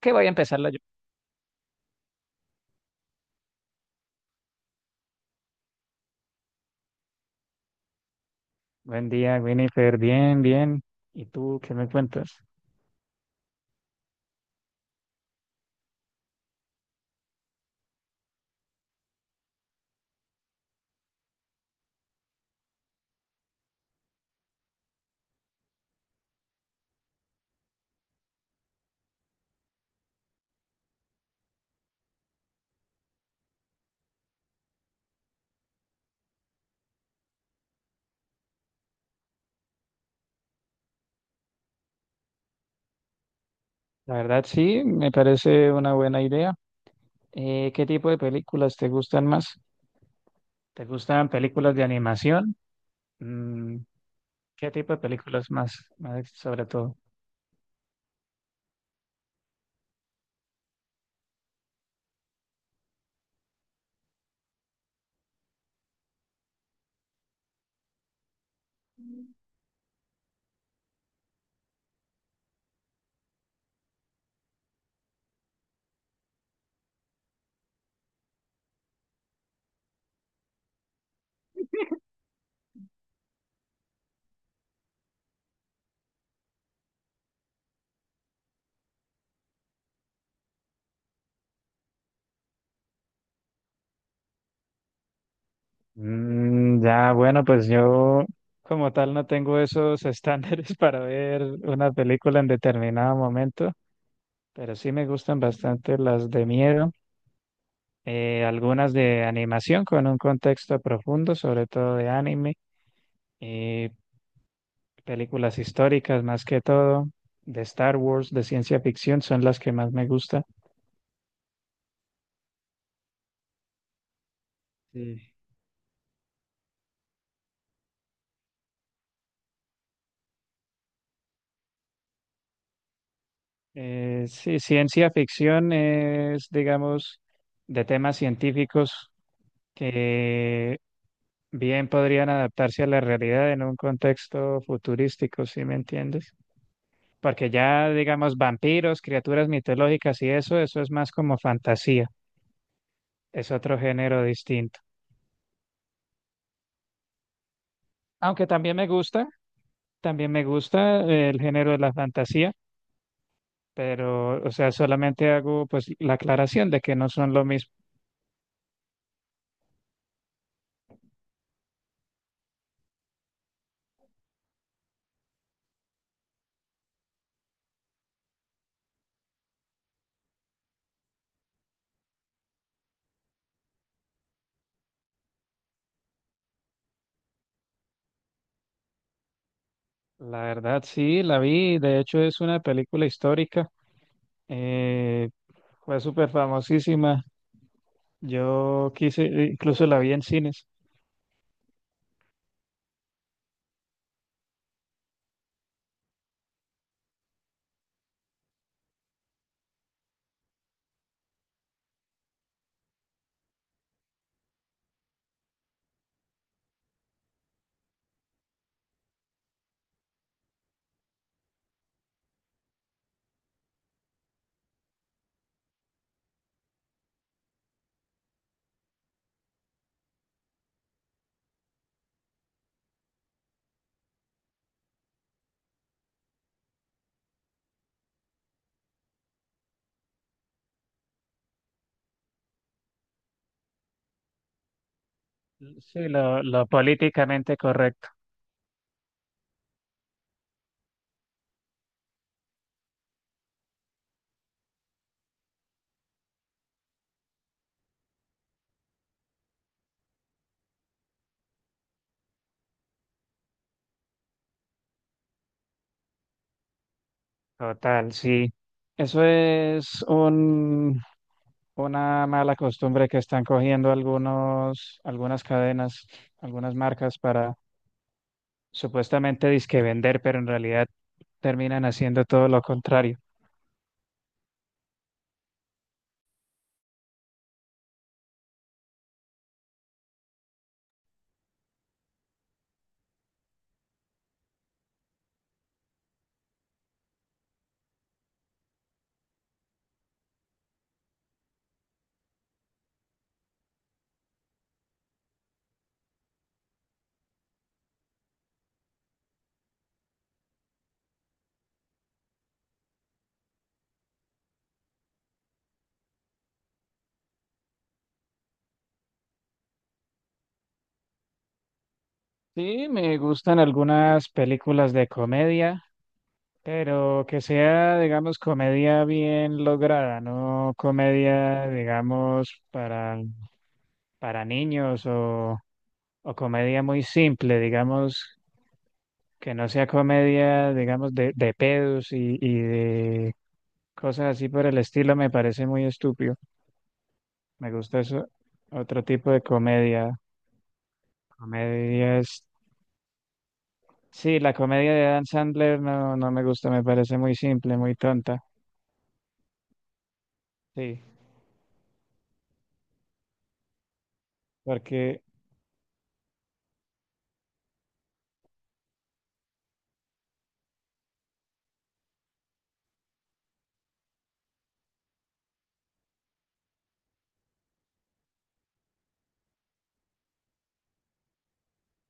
Que voy a empezarla yo. Buen día, Winifred. Bien, bien. ¿Y tú qué me cuentas? La verdad, sí, me parece una buena idea. ¿Qué tipo de películas te gustan más? ¿Te gustan películas de animación? Mm, ¿qué tipo de películas más sobre todo? Mm, ya, bueno, pues yo como tal no tengo esos estándares para ver una película en determinado momento, pero sí me gustan bastante las de miedo. Algunas de animación con un contexto profundo, sobre todo de anime, eh, películas históricas más que todo, de Star Wars, de ciencia ficción, son las que más me gusta. Sí. Sí, ciencia ficción es, digamos, de temas científicos que bien podrían adaptarse a la realidad en un contexto futurístico, ¿sí me entiendes? Porque ya, digamos, vampiros, criaturas mitológicas y eso es más como fantasía. Es otro género distinto. Aunque también me gusta el género de la fantasía, pero, o sea, solamente hago pues la aclaración de que no son lo mismo. La verdad, sí, la vi. De hecho, es una película histórica. eh, Fue súper famosísima. Yo quise, incluso la vi en cines. Sí, lo políticamente correcto. Total, sí. Eso es un, una mala costumbre que están cogiendo algunos, algunas cadenas, algunas marcas para supuestamente disque vender, pero en realidad terminan haciendo todo lo contrario. Sí, me gustan algunas películas de comedia, pero que sea, digamos, comedia bien lograda, no comedia, digamos, para niños o comedia muy simple, digamos, que no sea comedia, digamos, de pedos y de cosas así por el estilo me parece muy estúpido. Me gusta eso, otro tipo de comedia. Comedias. Sí, la comedia de Adam Sandler no, no me gusta, me parece muy simple, muy tonta. Sí, porque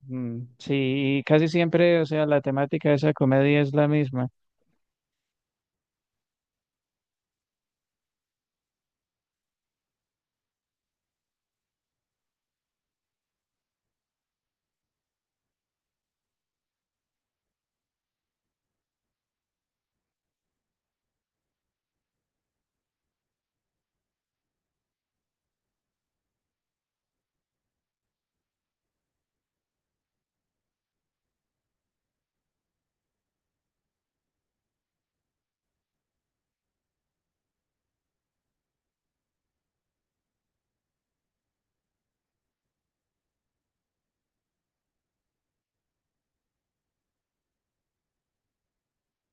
mm, sí, y casi siempre, o sea, la temática de esa comedia es la misma.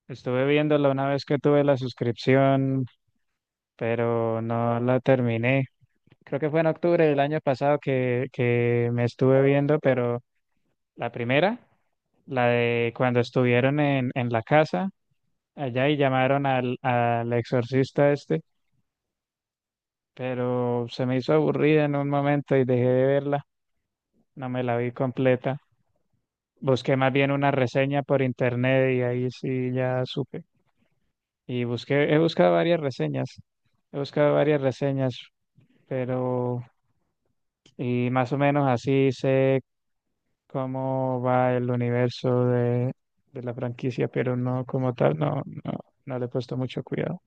Estuve viéndola una vez que tuve la suscripción, pero no la terminé. Creo que fue en octubre del año pasado que me estuve viendo, pero la primera. La de cuando estuvieron en la casa allá y llamaron al, al exorcista este, pero se me hizo aburrida en un momento y dejé de verla, no me la vi completa. Busqué más bien una reseña por internet y ahí sí ya supe. Y busqué, he buscado varias reseñas, he buscado varias reseñas, pero y más o menos así sé cómo va el universo de la franquicia, pero no como tal, no, no, no le he puesto mucho cuidado.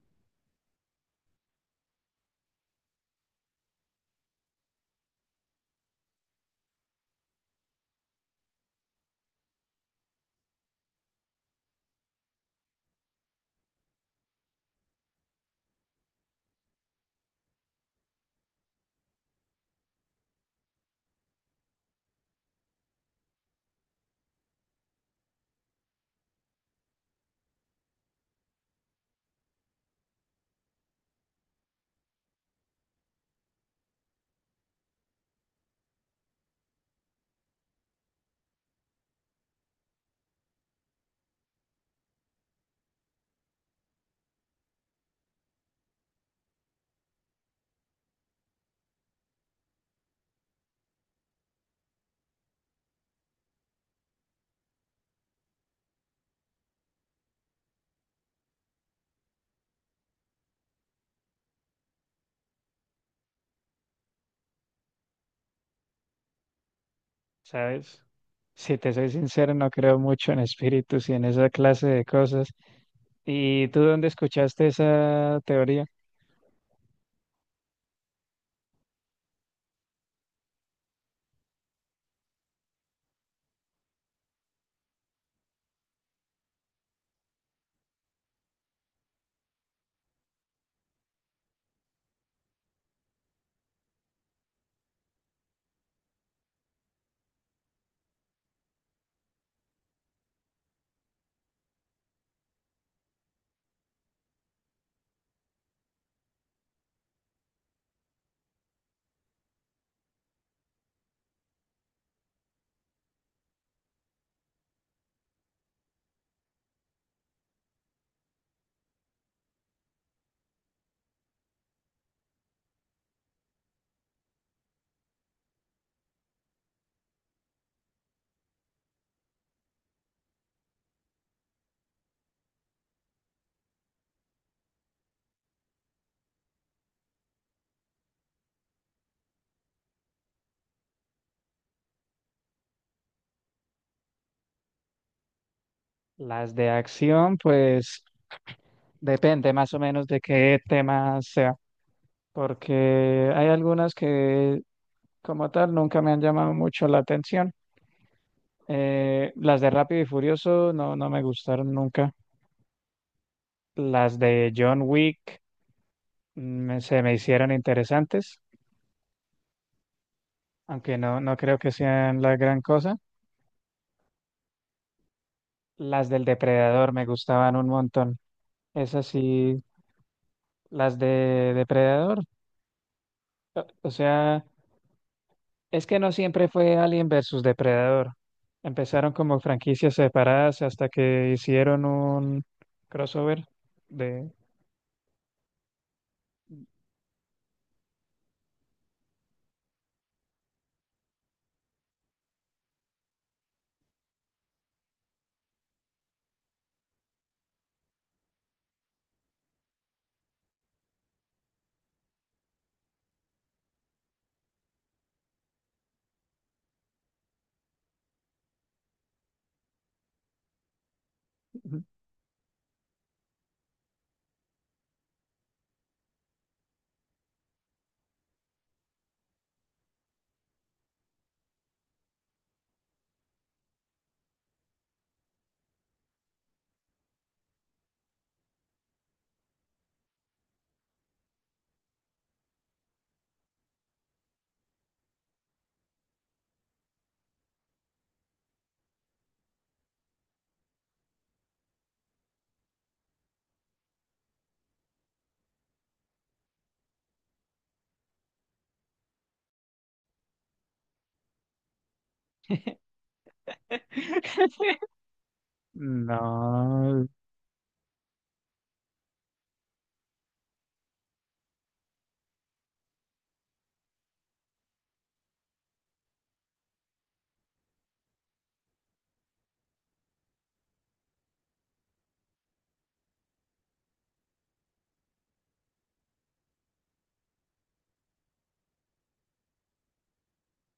¿Sabes? Si te soy sincero, no creo mucho en espíritus y en esa clase de cosas. ¿Y tú dónde escuchaste esa teoría? Las de acción, pues depende más o menos de qué tema sea, porque hay algunas que como tal nunca me han llamado mucho la atención. Las de Rápido y Furioso no, no me gustaron nunca. Las de John Wick se me hicieron interesantes, aunque no, no creo que sean la gran cosa. Las del Depredador me gustaban un montón. Esas sí, las de Depredador. O sea, es que no siempre fue Alien versus Depredador. Empezaron como franquicias separadas hasta que hicieron un crossover de... No,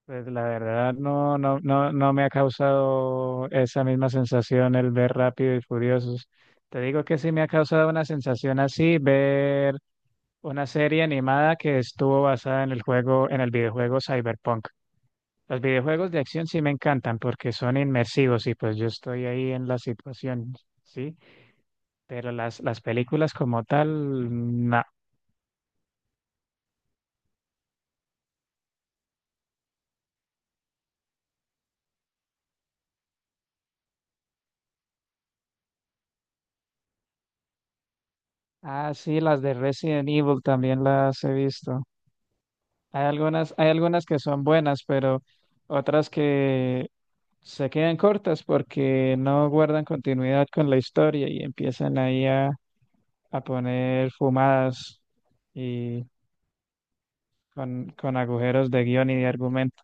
pues la verdad no, no, no, no me ha causado esa misma sensación el ver Rápido y Furiosos. Te digo que sí me ha causado una sensación así ver una serie animada que estuvo basada en el juego, en el videojuego Cyberpunk. Los videojuegos de acción sí me encantan porque son inmersivos y pues yo estoy ahí en la situación, ¿sí? Pero las películas como tal, no. Ah, sí, las de Resident Evil también las he visto. Hay algunas que son buenas, pero otras que se quedan cortas porque no guardan continuidad con la historia y empiezan ahí a poner fumadas y con agujeros de guión y de argumento.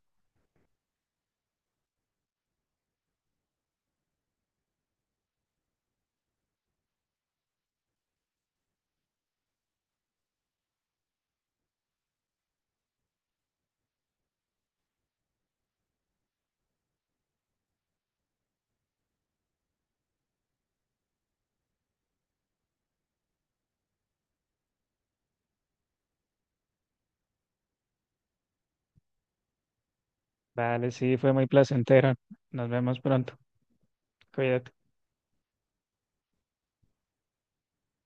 Vale, sí, fue muy placentero. Nos vemos pronto. Cuídate.